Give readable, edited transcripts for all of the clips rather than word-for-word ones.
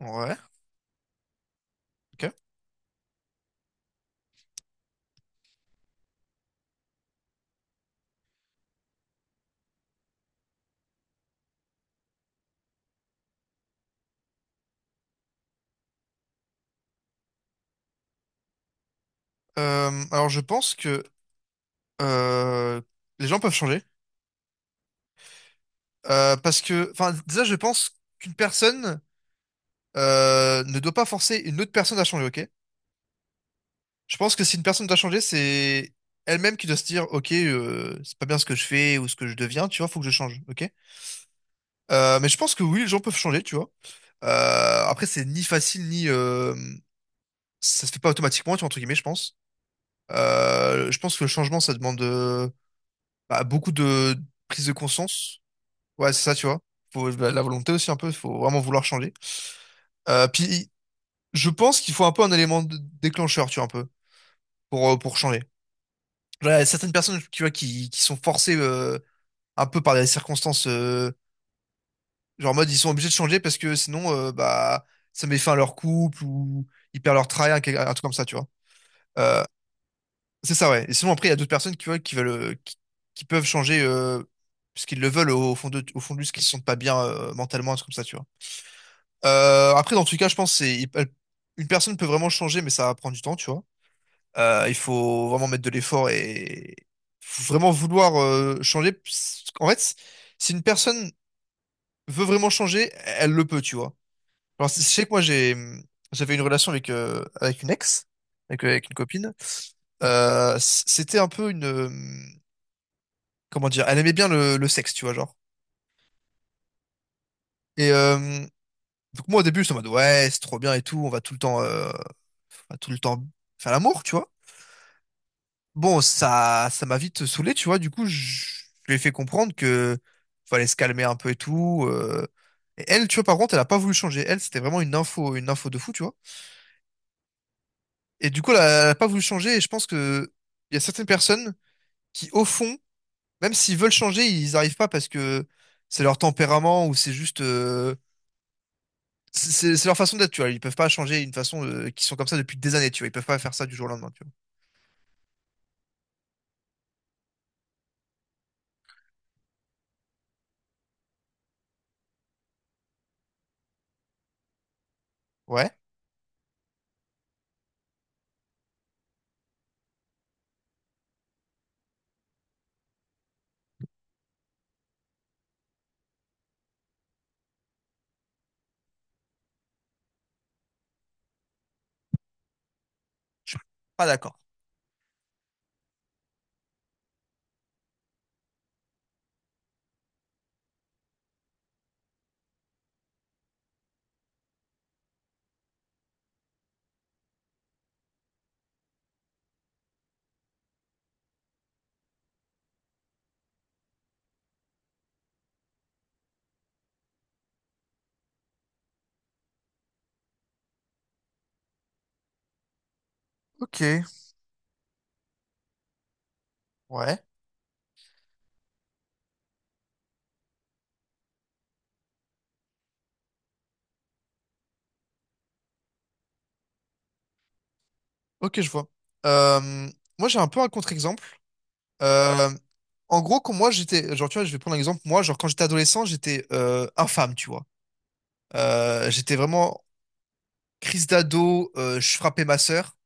Ouais, ok. Alors je pense que euh, les gens peuvent changer. Parce que, enfin, déjà je pense qu'une personne ne doit pas forcer une autre personne à changer, ok? Je pense que si une personne doit changer, c'est elle-même qui doit se dire, ok, c'est pas bien ce que je fais ou ce que je deviens, tu vois, faut que je change, ok? Mais je pense que oui, les gens peuvent changer, tu vois. Après, c'est ni facile ni ça se fait pas automatiquement, tu vois, entre guillemets, je pense. Je pense que le changement, ça demande bah, beaucoup de prise de conscience. Ouais, c'est ça, tu vois. Faut bah, la volonté aussi un peu, faut vraiment vouloir changer. Puis je pense qu'il faut un peu un élément déclencheur, tu vois, un peu, pour changer. Genre, il y a certaines personnes, tu vois, qui sont forcées un peu par des circonstances, genre en mode ils sont obligés de changer parce que sinon, bah, ça met fin à leur couple ou ils perdent leur travail, un truc comme ça, tu vois. Euh, c'est ça, ouais. Et sinon, après, il y a d'autres personnes qui, tu vois, qui veulent, qui peuvent changer parce qu'ils le veulent au fond de ce qu'ils se sentent pas bien mentalement, un truc comme ça, tu vois. Après, dans tout cas, je pense que c'est une personne peut vraiment changer, mais ça va prendre du temps, tu vois. Il faut vraiment mettre de l'effort et faut vraiment vouloir changer. En fait, si une personne veut vraiment changer, elle le peut, tu vois. Alors, je sais que moi, j'avais une relation avec avec une ex, avec une copine. Euh, C'était un peu une comment dire, elle aimait bien le sexe, tu vois, genre. Et donc moi, au début, j'étais en mode ouais, c'est trop bien et tout, on va tout le temps faire l'amour, tu vois. Bon, ça m'a vite saoulé, tu vois. Du coup, je lui ai fait comprendre que fallait se calmer un peu et tout. Et elle, tu vois, par contre, elle a pas voulu changer. Elle, c'était vraiment une info de fou, tu vois. Et du coup, elle a pas voulu changer. Et je pense que il y a certaines personnes qui, au fond, même s'ils veulent changer, ils arrivent pas parce que c'est leur tempérament ou c'est juste, c'est leur façon d'être, tu vois. Ils peuvent pas changer une façon qu'ils sont comme ça depuis des années, tu vois. Ils peuvent pas faire ça du jour au lendemain, tu vois. Ouais, je suis pas d'accord. Ok, ouais. Ok, je vois. Euh, Moi, j'ai un peu un contre-exemple. Euh, En gros, quand moi, j'étais, genre, tu vois, je vais prendre un exemple. Moi, genre, quand j'étais adolescent, j'étais infâme, tu vois. J'étais vraiment crise d'ado. Je frappais ma sœur.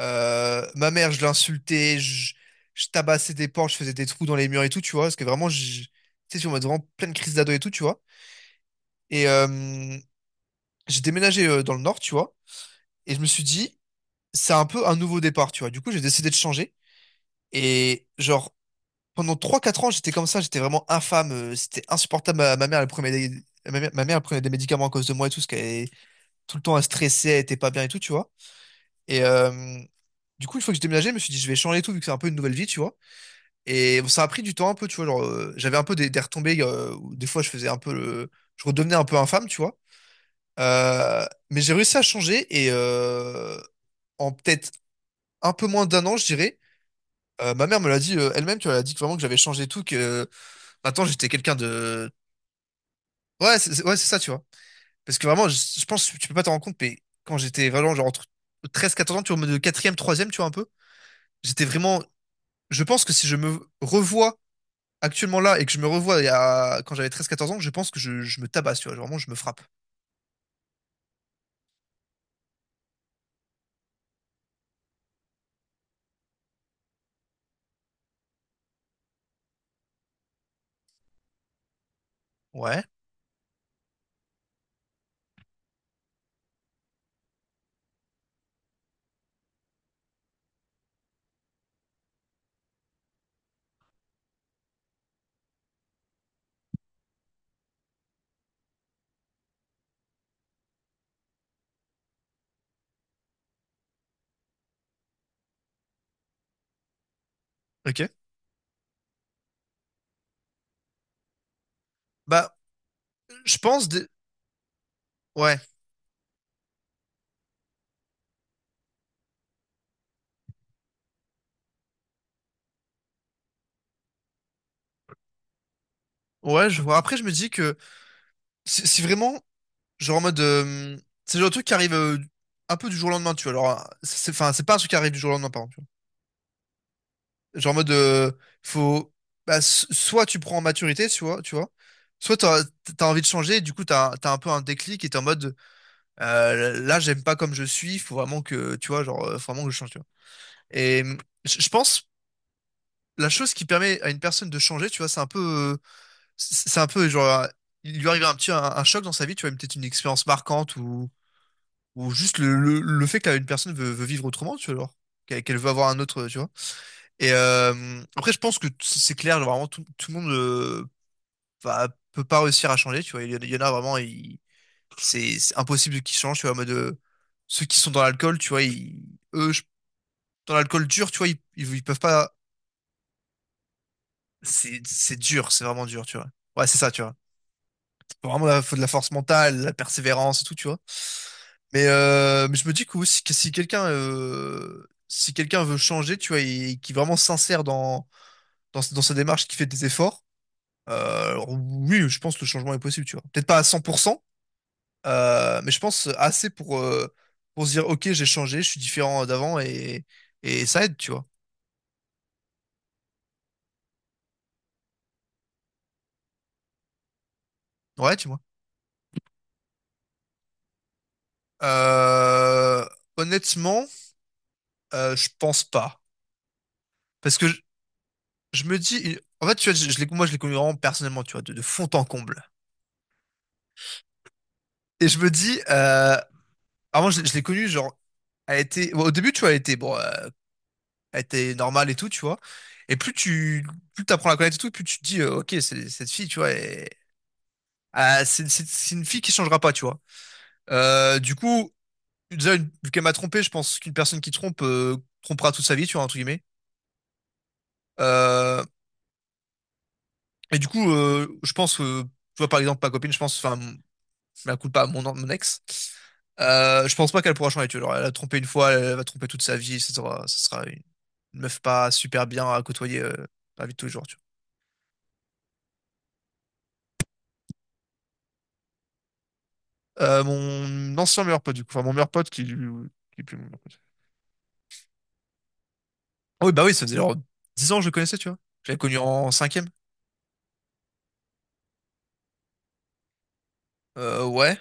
Ma mère, je l'insultais. Je tabassais des portes. Je faisais des trous dans les murs et tout, tu vois. Parce que vraiment, tu sais, on m'a vraiment pleine crise d'ado et tout, tu vois. Et j'ai déménagé dans le nord, tu vois. Et je me suis dit, c'est un peu un nouveau départ, tu vois. Du coup, j'ai décidé de changer. Et genre pendant 3 4 ans, j'étais comme ça, j'étais vraiment infâme. C'était insupportable. Ma mère, elle prenait des médicaments à cause de moi et tout, parce qu'elle est tout le temps elle stressait, elle était pas bien et tout, tu vois. Et du coup, une fois que j'ai déménagé, je me suis dit, je vais changer et tout, vu que c'est un peu une nouvelle vie, tu vois. Et ça a pris du temps un peu, tu vois. Genre, j'avais un peu des retombées, où des fois, je faisais Je redevenais un peu infâme, tu vois. Mais j'ai réussi à changer et en peut-être un peu moins d'un an, je dirais. Ma mère me l'a dit elle-même, tu vois, elle a dit que vraiment que j'avais changé et tout, que maintenant j'étais quelqu'un de. Ouais, ouais, c'est ça, tu vois. Parce que vraiment, je pense que tu peux pas t'en rendre compte, mais quand j'étais vraiment genre entre 13-14 ans, tu vois, en mode e 3e, tu vois, un peu, j'étais vraiment. Je pense que si je me revois actuellement là et que je me revois quand j'avais 13, 14 ans, je pense que je me tabasse, tu vois. Vraiment, je me frappe. Ouais, ok. Bah, je pense. Ouais, ouais, je vois. Après, je me dis que si vraiment, genre en mode. C'est le genre de truc qui arrive un peu du jour au lendemain, tu vois. Alors, c'est enfin, c'est pas un truc qui arrive du jour au lendemain, par exemple. Genre en mode, faut, bah, soit tu prends en maturité, tu vois, soit t'as envie de changer, et du coup t'as un peu un déclic et t'es en mode, là j'aime pas comme je suis, faut vraiment que, tu vois, genre, faut vraiment que je change, tu vois. Et je pense, la chose qui permet à une personne de changer, tu vois, c'est un peu, c'est un peu genre, il lui arrive un choc dans sa vie, tu vois, peut-être une expérience marquante ou juste le fait que une personne veut vivre autrement, tu vois, alors, qu'elle veut avoir un autre, tu vois. Et après, je pense que c'est clair, vraiment, tout le monde peut pas réussir à changer, tu vois. Il y en a vraiment, c'est impossible qu'ils changent, tu vois, en mode ceux qui sont dans l'alcool, tu vois, ils, eux, dans l'alcool dur, tu vois, ils peuvent pas. C'est dur, c'est vraiment dur, tu vois. Ouais, c'est ça, tu vois. Il faut de la force mentale, de la persévérance et tout, tu vois. Mais je me dis que, aussi, que si quelqu'un veut changer, tu vois, et, qui est vraiment sincère dans sa démarche, qui fait des efforts. Oui, je pense que le changement est possible, tu vois. Peut-être pas à 100%, mais je pense assez pour se dire, ok, j'ai changé, je suis différent d'avant et ça aide, tu vois. Ouais, tu vois. Euh, Honnêtement, je pense pas. Parce que je me dis, en fait, tu vois, moi, je l'ai connu vraiment personnellement, tu vois, de fond en comble. Et je me dis, avant, je l'ai connu, genre, elle était, bon, au début, tu vois, elle était, bon, elle était normale et tout, tu vois. Et plus t'apprends à la connaître et tout, plus tu te dis, ok, cette fille, tu vois, ah, c'est une fille qui changera pas, tu vois. Du coup, déjà, vu qu'elle m'a trompé, je pense qu'une personne qui trompe trompera toute sa vie, tu vois, entre guillemets. Euh, et du coup, je pense, tu vois, par exemple, ma copine, je pense, enfin, je la culpe pas à mon ex. Je pense pas qu'elle pourra changer, tu vois. Genre, elle a trompé une fois, elle va tromper toute sa vie, ça sera une meuf pas super bien à côtoyer dans la vie de tous les jours, tu vois. Mon ancien meilleur pote, du coup. Enfin, mon meilleur pote qui, qui est plus mon meilleur pote. Ah oui, bah oui, ça faisait genre 10 ans que je le connaissais, tu vois. Je l'avais connu en 5e. Ouais.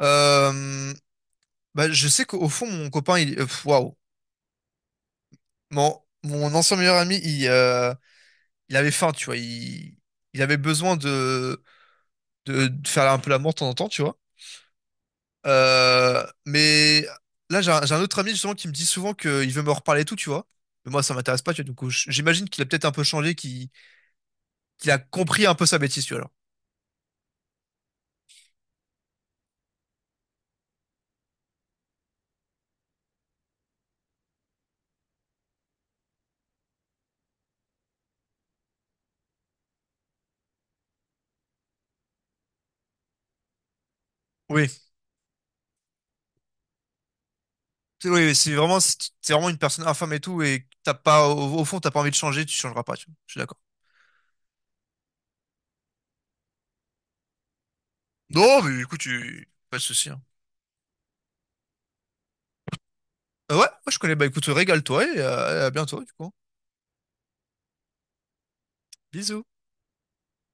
Euh, Bah, je sais qu'au fond, mon copain, pff, waouh. Mon ancien meilleur ami, il avait faim, tu vois. Il avait besoin de faire un peu la mort de temps en temps, tu vois. Mais là, j'ai un autre ami, justement, qui me dit souvent qu'il veut me reparler et tout, tu vois. Mais moi, ça m'intéresse pas, tu vois. Du coup, j'imagine qu'il a peut-être un peu changé, qu'il a compris un peu sa bêtise, tu vois. Oui, oui, oui, c'est vraiment une personne infâme et tout, et t'as pas, au fond, t'as pas envie de changer, tu changeras pas, tu vois. Je suis d'accord. Non, mais écoute, pas de souci, hein. Ouais, moi je connais, bah écoute, régale-toi et à bientôt, du coup. Bisous.